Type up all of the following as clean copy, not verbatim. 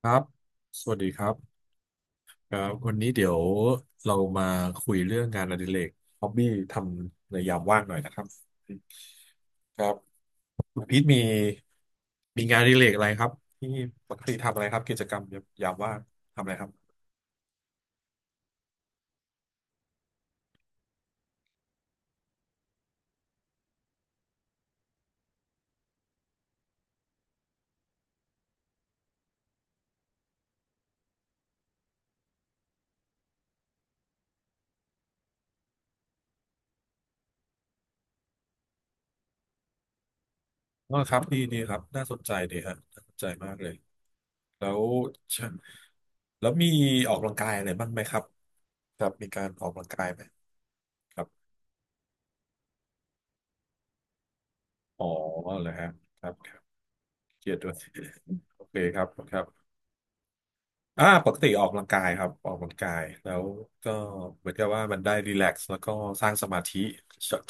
ครับสวัสดีครับครับวันนี้เดี๋ยวเรามาคุยเรื่องงานอดิเรกฮอบบี้ทำในยามว่างหน่อยนะครับครับคุณพีทมีงานอดิเรกอะไรครับที่ปกติทำอะไรครับกิจกรรมยามว่างทำอะไรครับอ๋อครับดีดีครับน่าสนใจดีฮะน่าสนใจมากเลยแล้วเชิแล้วมีออกกำลังกายอะไรบ้างไหมครับครับมีการออกกำลังกายไหมครับอ๋อเหรอฮะครับครับเครียดด้วย โอเคครับครับ อ่าปกติออกกำลังกายครับออกกำลังกายแล้วก็เหมือนกับว่ามันได้รีแลกซ์แล้วก็สร้างสมาธิ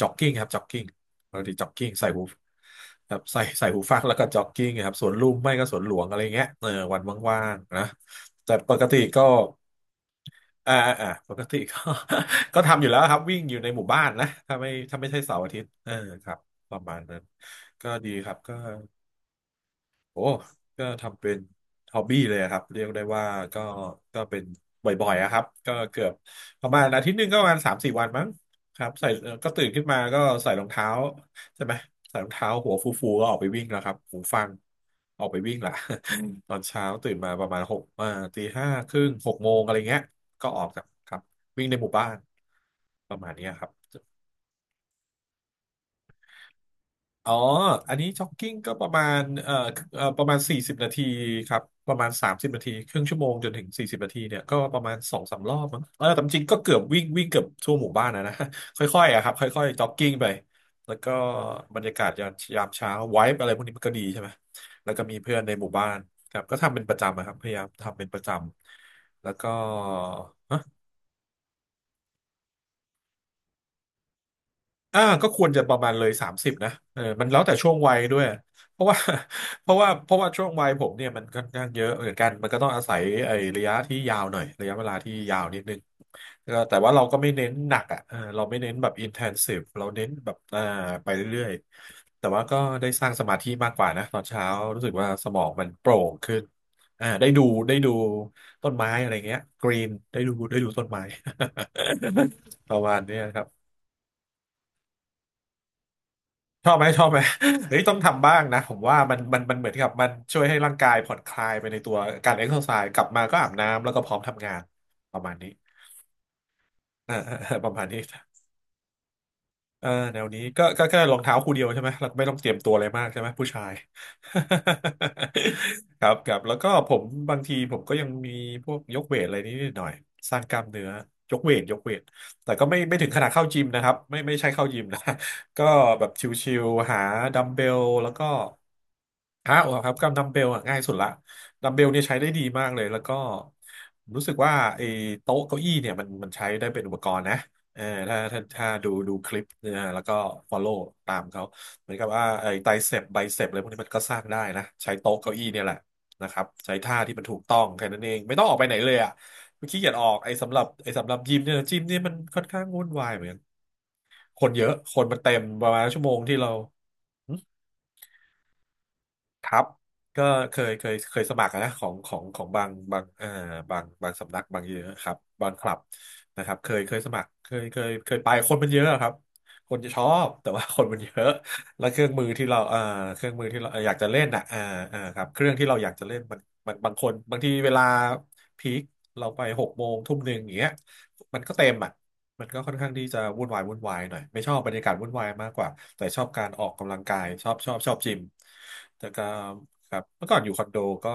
จ็อกกิ้งครับจ็อกกิ้งปกติจ็อกกิ้งใส่หูครับใส่หูฟังแล้วก็จ็อกกิ้งครับสวนลุมไม่ก็สวนหลวงอะไรเงี้ยเออวันว่างๆนะแต่ปกติก็อ่าปกติก็ ก็ทำอยู่แล้วครับวิ่งอยู่ในหมู่บ้านนะถ้าไม่ใช่เสาร์อาทิตย์เออครับประมาณนั้นก็ดีครับก็ โอ้ก็ทำเป็นฮอบบี้เลยอะครับเรียกได้ว่าก็เป็นบ่อยๆอะครับก็เกือบประมาณอาทิตย์หนึ่งก็ประมาณ3-4 วันมั้งครับใส่ก็ตื่นขึ้นมาก็ใส่รองเท้าใช่ไหมใส่รองเท้าหัวฟูๆก็ออกไปวิ่งแล้วครับหูฟังออกไปวิ่งละ อืมตอนเช้าตื่นมาประมาณหกตีห้าครึ่งหกโมงอะไรเงี้ยก็ออกจากครับวิ่งในหมู่บ้านประมาณเนี้ยครับ อ๋ออันนี้จ็อกกิ้งก็ประมาณประมาณสี่สิบนาทีครับ ประมาณ30 นาทีครึ่งชั่วโมงจนถึงสี่สิบนาทีเนี่ยก็ประมาณ2-3 รอบมั้งเออแต่จริงๆก็เกือบวิ่งวิ่งเกือบทั่วหมู่บ้านนะนะ ค่อยๆอะครับค่อยๆจ็อกกิ้งไป แล้วก็บรรยากาศยามเช้าไวบ์อะไรพวกนี้มันก็ดีใช่ไหม แล้วก็มีเพื่อนในหมู่บ้านครับก็ทำเป็นประจำอะครับพยายามทำเป็นประจำแล้วก็ อ่าก็ควรจะประมาณเลยสามสิบนะเออมันแล้วแต่ช่วงวัยด้วยเพราะว่า เพราะว่าเพราะว่าช่วงวัยผมเนี่ยมันค่อนข้างเยอะเหมือนกันมันก็ต้องอาศัยไอ้ระยะที่ยาวหน่อยระยะเวลาที่ยาวนิดนึงก็แต่ว่าเราก็ไม่เน้นหนักอ่ะเออเราไม่เน้นแบบ intensive เราเน้นแบบอ่าไปเรื่อยๆแต่ว่าก็ได้สร้างสมาธิมากกว่านะตอนเช้ารู้สึกว่าสมองมันโปร่งขึ้นอ่าได้ดูต้นไม้อะไรเงี้ยกรีนได้ดูต้นไม้ ประมาณเนี้ยครับ ชอบไหมชอบไหม เฮ้ยต้องทำบ้างนะผมว่ามันเหมือนกับมันช่วยให้ร่างกายผ่อนคลายไปในตัวการเอ็กซ์ไซส์กลับมาก็อาบน้ำแล้วก็พร้อมทำงานประมาณนี้เออเออเออประมาณนี้ เออแนวนี้ก็แค่รองเท้าคู่เดียวใช่ไหมเราก็ไม่ต้องเตรียมตัวอะไรมากใช่ไหมผู้ชาย ครับครับแล้วก็ผมบางทีผมก็ยังมีพวกยกเวทอะไรนิดหน่อยสร้างกล้ามเนื้อยกเวทยกเวทแต่ก็ไม่ไม่ถึงขนาดเข้าจิมนะครับไม่ไม่ใช่เข้ายิมนะ ก็แบบชิวๆหาดัมเบลแล้วก็หาเอาครับกับดัมเบลอะง่ายสุดละดัมเบลเนี่ยใช้ได้ดีมากเลยแล้วก็รู้สึกว่าไอ้โต๊ะเก้าอี้เนี่ยมันมันใช้ได้เป็นอุปกรณ์นะ เออถ้าดูคลิปเนี่ยแล้วก็ follow ตามเขาเหมือนกับว่าไอ้ไตรเซปไบเซปอะไรพวกนี้มันก็สร้างได้นะใช้โต๊ะเก้าอี้เนี่ยแหละนะครับใช้ท่าที่มันถูกต้องแค่นั้นเองไม่ต้องออกไปไหนเลยอ่ะไม่ขี้เกียจออกไอ้สำหรับยิมเนี่ยจิมเนี่ยมันค่อนข้างวุ่นวายเหมือนกันคนเยอะคนมันเต็มประมาณชั่วโมงที่เรา ครับก็เคยสมัครนะของบางบางสำนักบางเยอะครับบางคลับนะครับเคยสมัครเคยไปคนมันเยอะครับคนจะชอบแต่ว่าคนมันเยอะแล้วเครื่องมือที่เราเครื่องมือที่เราอยากจะเล่นอ่ะครับเครื่องที่เราอยากจะเล่นมันมันบางคนบางทีเวลาพีคเราไปหกโมงทุ่มหนึ่งอย่างเงี้ยมันก็เต็มอ่ะ มันก็ค่อนข้างที่จะวุ่นวายวุ่นวายหน่อยไม่ชอบบรรยากาศวุ่นวายมากกว่าแต่ชอบการออกกำลังกายชอบจิมแต่ก็ครับเมื่อก่อนอยู่คอนโดก็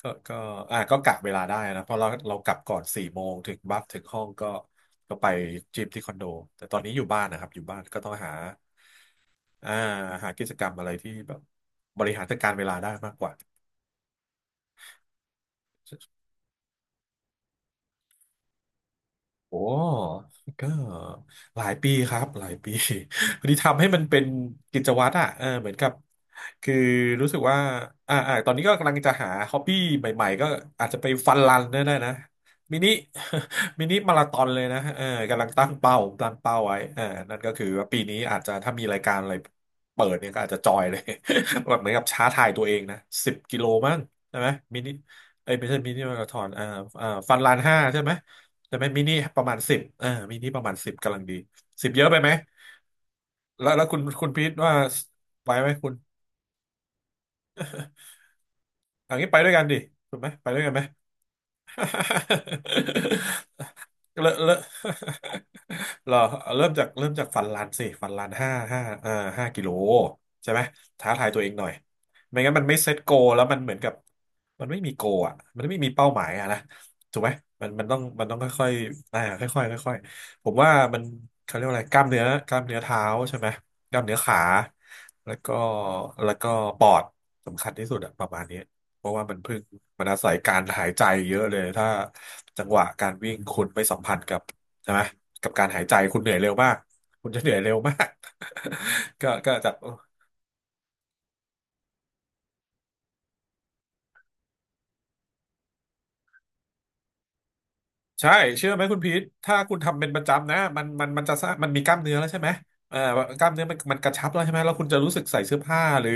ก็ก็อ่าก็กะเวลาได้นะเพราะเรากลับก่อน4 โมงถึงบัฟถึงห้องก็ไปจิมที่คอนโดแต่ตอนนี้อยู่บ้านนะครับอยู่บ้านก็ต้องอ่าหากิจกรรมอะไรที่แบบบริหารจัดการเวลาได้มากกว่า โอ้ก็หลายปีครับหลายปี พอดีทำให้มันเป็นกิจวัตรอ่ะเออเหมือนกับคือรู้สึกว่าตอนนี้ก็กำลังจะหาฮอบบี้ใหม่ๆก็อาจจะไปฟันรันได้นะมินิ มินิมาราธอนเลยนะเออกำลังตั้งเป้าไว้เออนั่นก็คือว่าปีนี้อาจจะถ้ามีรายการอะไรเปิดเนี่ยก็อาจจะจอยเลย แบบเหมือนกับท้าทายตัวเองนะ10 กิโลมั้งใช่ไหมมินิเอ้ยไม่ใช่มินิมาราธอนอ่าฟันลันห้าใช่ไหม แต่เป็นมินิประมาณ10เออมินิประมาณสิบกำลังดีสิบเยอะไปไหมแล้วคุณพีทว่าไปไหมคุณอันนี้ไปด้วยกันดิถูกไหมไปด้วยกันไหม เริ่ม เหรอเริ่มจากฟันรันสิฟันรันห้าห้าเอ่อ5 กิโลใช่ไหมท้าทายตัวเองหน่อยไม่งั้นมันไม่เซ็ตโกแล้วมันเหมือนกับมันไม่มีโกอ่ะมันไม่มีเป้าหมายอ่ะนะถูกไหมมันต้องค่อยๆผมว่ามันเขาเรียกว่าอะไรกล้ามเนื้อเท้าใช่ไหมกล้ามเนื้อขาแล้วก็แล้วก็ปอดสำคัญที่สุดอะประมาณนี้ เพราะว่ามันพึ่งมันอาศัยการหายใจเยอะเลยถ้าจังหวะการวิ่งคุณไม่สัมผัสกับใช่ไหมกับการหายใจคุณเหนื่อยเร็วมากคุณจะเหนื่อยเร็วมาก ก็จะ ใช่เชื่อไหมคุณพีทถ้าคุณทำเป็นประจำนะมันจะสร้างมันมีกล้ามเนื้อแล้วใช่ไหมเอ่อกล้ามเนื้อมันกระชับแล้วใช่ไหมแล้วคุณจะรู้สึกใส่เสื้อผ้าหรือ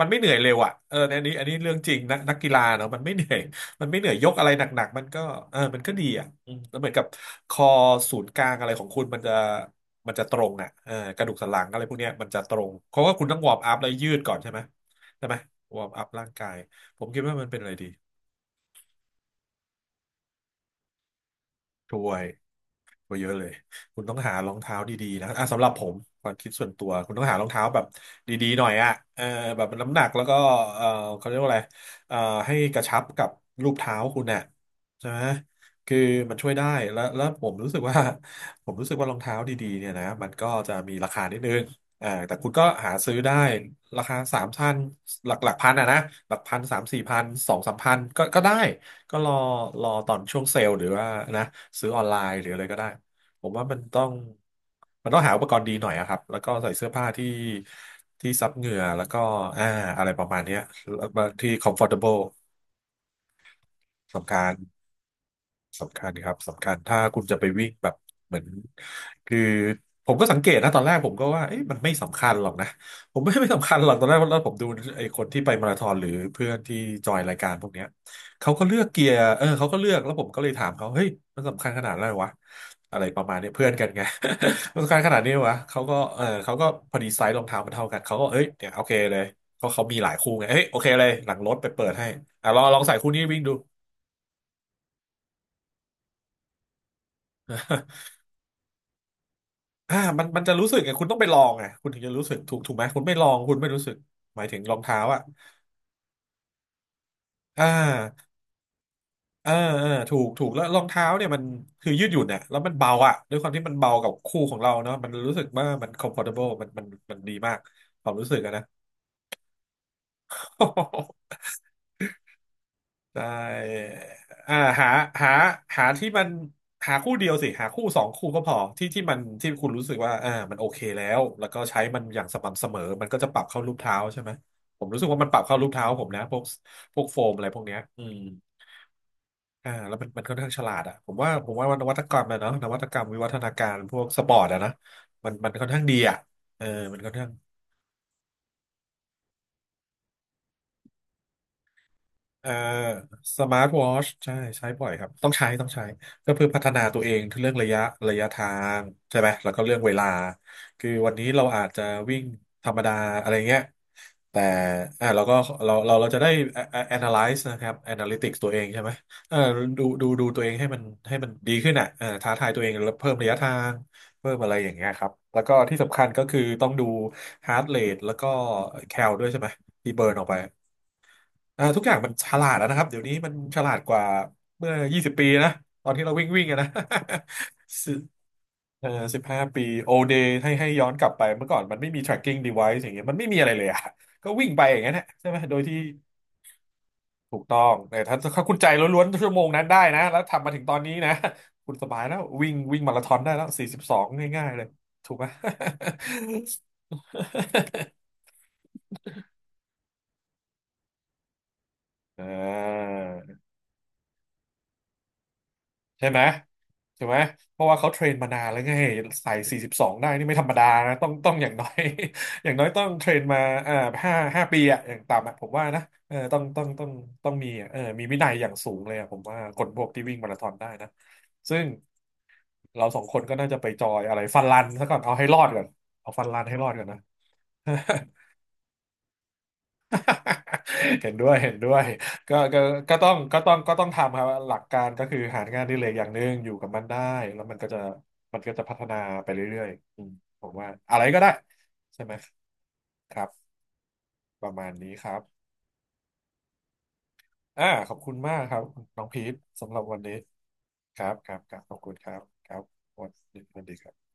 มันไม่เหนื่อยเร็วอ่ะเออในอันนี้เรื่องจริงนะนักกีฬาเนาะมันไม่เหนื่อย มันไม่เหนื่อยยกอะไรหนักๆมันก็เออมันก็ดีอ่ะอืมแล้วเหมือนกับคอศูนย์กลางอะไรของคุณมันจะตรงอ่ะเออกระดูกสันหลังอะไรพวกเนี้ยมันจะตรงเพราะว่าคุณต้องวอร์มอัพแล้วยืดก่อนใช่ไหมใช่ไหมวอร์มอัพร่างกายผมคิดว่ามันเป็นอะไรดีช่วย ก็เยอะเลย คุณต้องหารองเท้าดีๆนะอ่ะสำหรับผมความคิดส่วนตัว คุณต้องหารองเท้าแบบดีๆหน่อยอ่ะเออแบบน้ำหนักแล้วก็เออเขาเรียกว่าอะไรเออให้กระชับกับรูปเท้าคุณน่ะใช่ไหมคือมันช่วยได้ แล้วผมรู้สึกว่า ผมรู้สึกว่ารองเท้าดีๆเนี่ยนะมันก็จะมีราคานิดนึงแต่คุณก็หาซื้อได้ราคาสามพันหลักพันอ่ะนะหลักพันสามสี่พันสองสามพันก็ได้ ก็รอตอนช่วงเซลล์หรือว่านะซื้อออนไลน์หรืออะไรก็ได้ผมว่ามันต้องหาอุปกรณ์ดีหน่อยอะครับแล้วก็ใส่เสื้อผ้าที่ซับเหงื่อแล้วก็อ่าอะไรประมาณเนี้ยแล้วบางที่ comfortable สำคัญ สำคัญครับสำคัญถ้าคุณจะไปวิ่งแบบเหมือนคือผมก็สังเกตนะตอนแรกผมก็ว่าเอ๊ะมันไม่สำคัญหรอกนะผมไม่ ไม่สำคัญหรอกตอนแรกแล้วผมดูไอ้คนที่ไปมาราธอนหรือเพื่อนที่จอยรายการพวกเนี้ยเขาก็เลือกเกียร์เออเขาก็เลือกแล้วผมก็เลยถามเขาเฮ้ยมันสำคัญขนาดนั้นเลยวะอะไรประมาณเนี้ยเพื่อนกันไง มันสำคัญขนาดนี้เลยวะเขาก็เออเขาก็พอดีไซส์รองเท้ามันเท่ากันเขาก็เอ้ยเนี่ยโอเคเลยเพราะเขามีหลายคู่ไงเฮ้ยโอเคเลยหลังรถไปเปิดให้อ่ะลองลองใส่คู่นี้วิ่งดู อ่ามันมันจะรู้สึกไงคุณต้องไปลองไงคุณถึงจะรู้สึกถูกไหมคุณไม่ลองคุณไม่รู้สึกหมายถึงรองเท้าอ่ะอ่าเออเออถูกแล้วรองเท้าเนี่ยมันคือยืดหยุ่นเนี่ยแล้วมันเบาอ่ะด้วยความที่มันเบากับคู่ของเราเนาะมันรู้สึกว่ามัน comfortable มันดีมากความรู้สึกอะนะ ได้อ่าหาหาหาที่มันหาคู่เดียวสิหาคู่สองคู่ก็พอที่มันที่คุณรู้สึกว่ามันโอเคแล้วแล้วก็ใช้มันอย่างสม่ำเสมอมันก็จะปรับเข้ารูปเท้าใช่ไหมผมรู้สึกว่ามันปรับเข้ารูปเท้าผมนะพวกพวกโฟมอะไรพวกเนี้ยอืมแล้วมันค่อนข้างฉลาดอ่ะผมว่านวัตกรรมอะเนาะนวัตกรรมวิวัฒนาการพวกสปอร์ตอะนะมันค่อนข้างดีอ่ะเออมันค่อนข้าง อ่าสมาร์ทวอชใช่ใช้บ่อยครับต้องใช้ก็เพื่อพัฒนาตัวเองเรื่องระยะทางใช่ไหมแล้วก็เรื่องเวลาคือวันนี้เราอาจจะวิ่งธรรมดาอะไรเงี้ยแต่เราก็เราจะได้ a- n a l y z e นะครับ analytics ตัวเองใช่ไหมเออดูตัวเองให้มันให้มันดีขึ้นอ่ะเออท้าทายตัวเองแล้วเพิ่มระยะทางเพิ่มอะไรอย่างเงี้ยครับแล้วก็ที่สำคัญก็คือต้องดู heart rate แล้วก็แคลด้วยใช่ไหมที่เบิร์นออกไป ทุกอย่างมันฉลาดแล้วนะครับเดี๋ยวนี้มันฉลาดกว่าเมื่อ20ปีนะตอนที่เราวิ่งวิ่งอะนะ สิเอ่อ15ปีโอเดย์ให้ให้ย้อนกลับไปเมื่อก่อนมันไม่มี tracking device อย่างเงี้ยมันไม่มีอะไรเลยอะก็วิ่งไปอย่างนั้นแหละใช่ไหมโดยที่ถูกต้องแต่ถ้าคุณใจล้วนๆชั่วโมงนั้นได้นะแล้วทำมาถึงตอนนี้นะ คุณสบายแล้ววิ่งวิ่งมาราธอนได้แล้ว42งง่ายๆเลยถูกไหม อ่า ใช่ไหมใช่ไหมเพราะว่าเขาเทรนมานานแล้วไงใส่สี่สิบสองได้นี่ไม่ธรรมดานะต้องอย่างน้อย อย่างน้อยต้องเทรนมาอ่าห้าปีอะอย่างต่ำอะผมว่านะเออต้องต้องมีอะเออมีวินัยอย่างสูงเลยอะผมว่าคนพวกที่วิ่งมาราธอนได้นะซึ่งเราสองคนก็น่าจะไปจอยอะไรฟันรันซะก่อนเอาให้รอดก่อนเอาฟันรันให้รอดก่อนนะ เห็นด้วยก็ก็ต้องทำครับหลักการก็คือหางานอดิเรกอย่างหนึ่งอยู่กับมันได้ แล้วมันก็จะพัฒนาไปเรื่อยๆอืมผมว่าอะไรก็ได้ใช่ไหมครับ ประมาณนี้ครับขอบคุณมากครับน้องพีทสำหรับวันนี้ครับขอบคุณครับวันดีครับ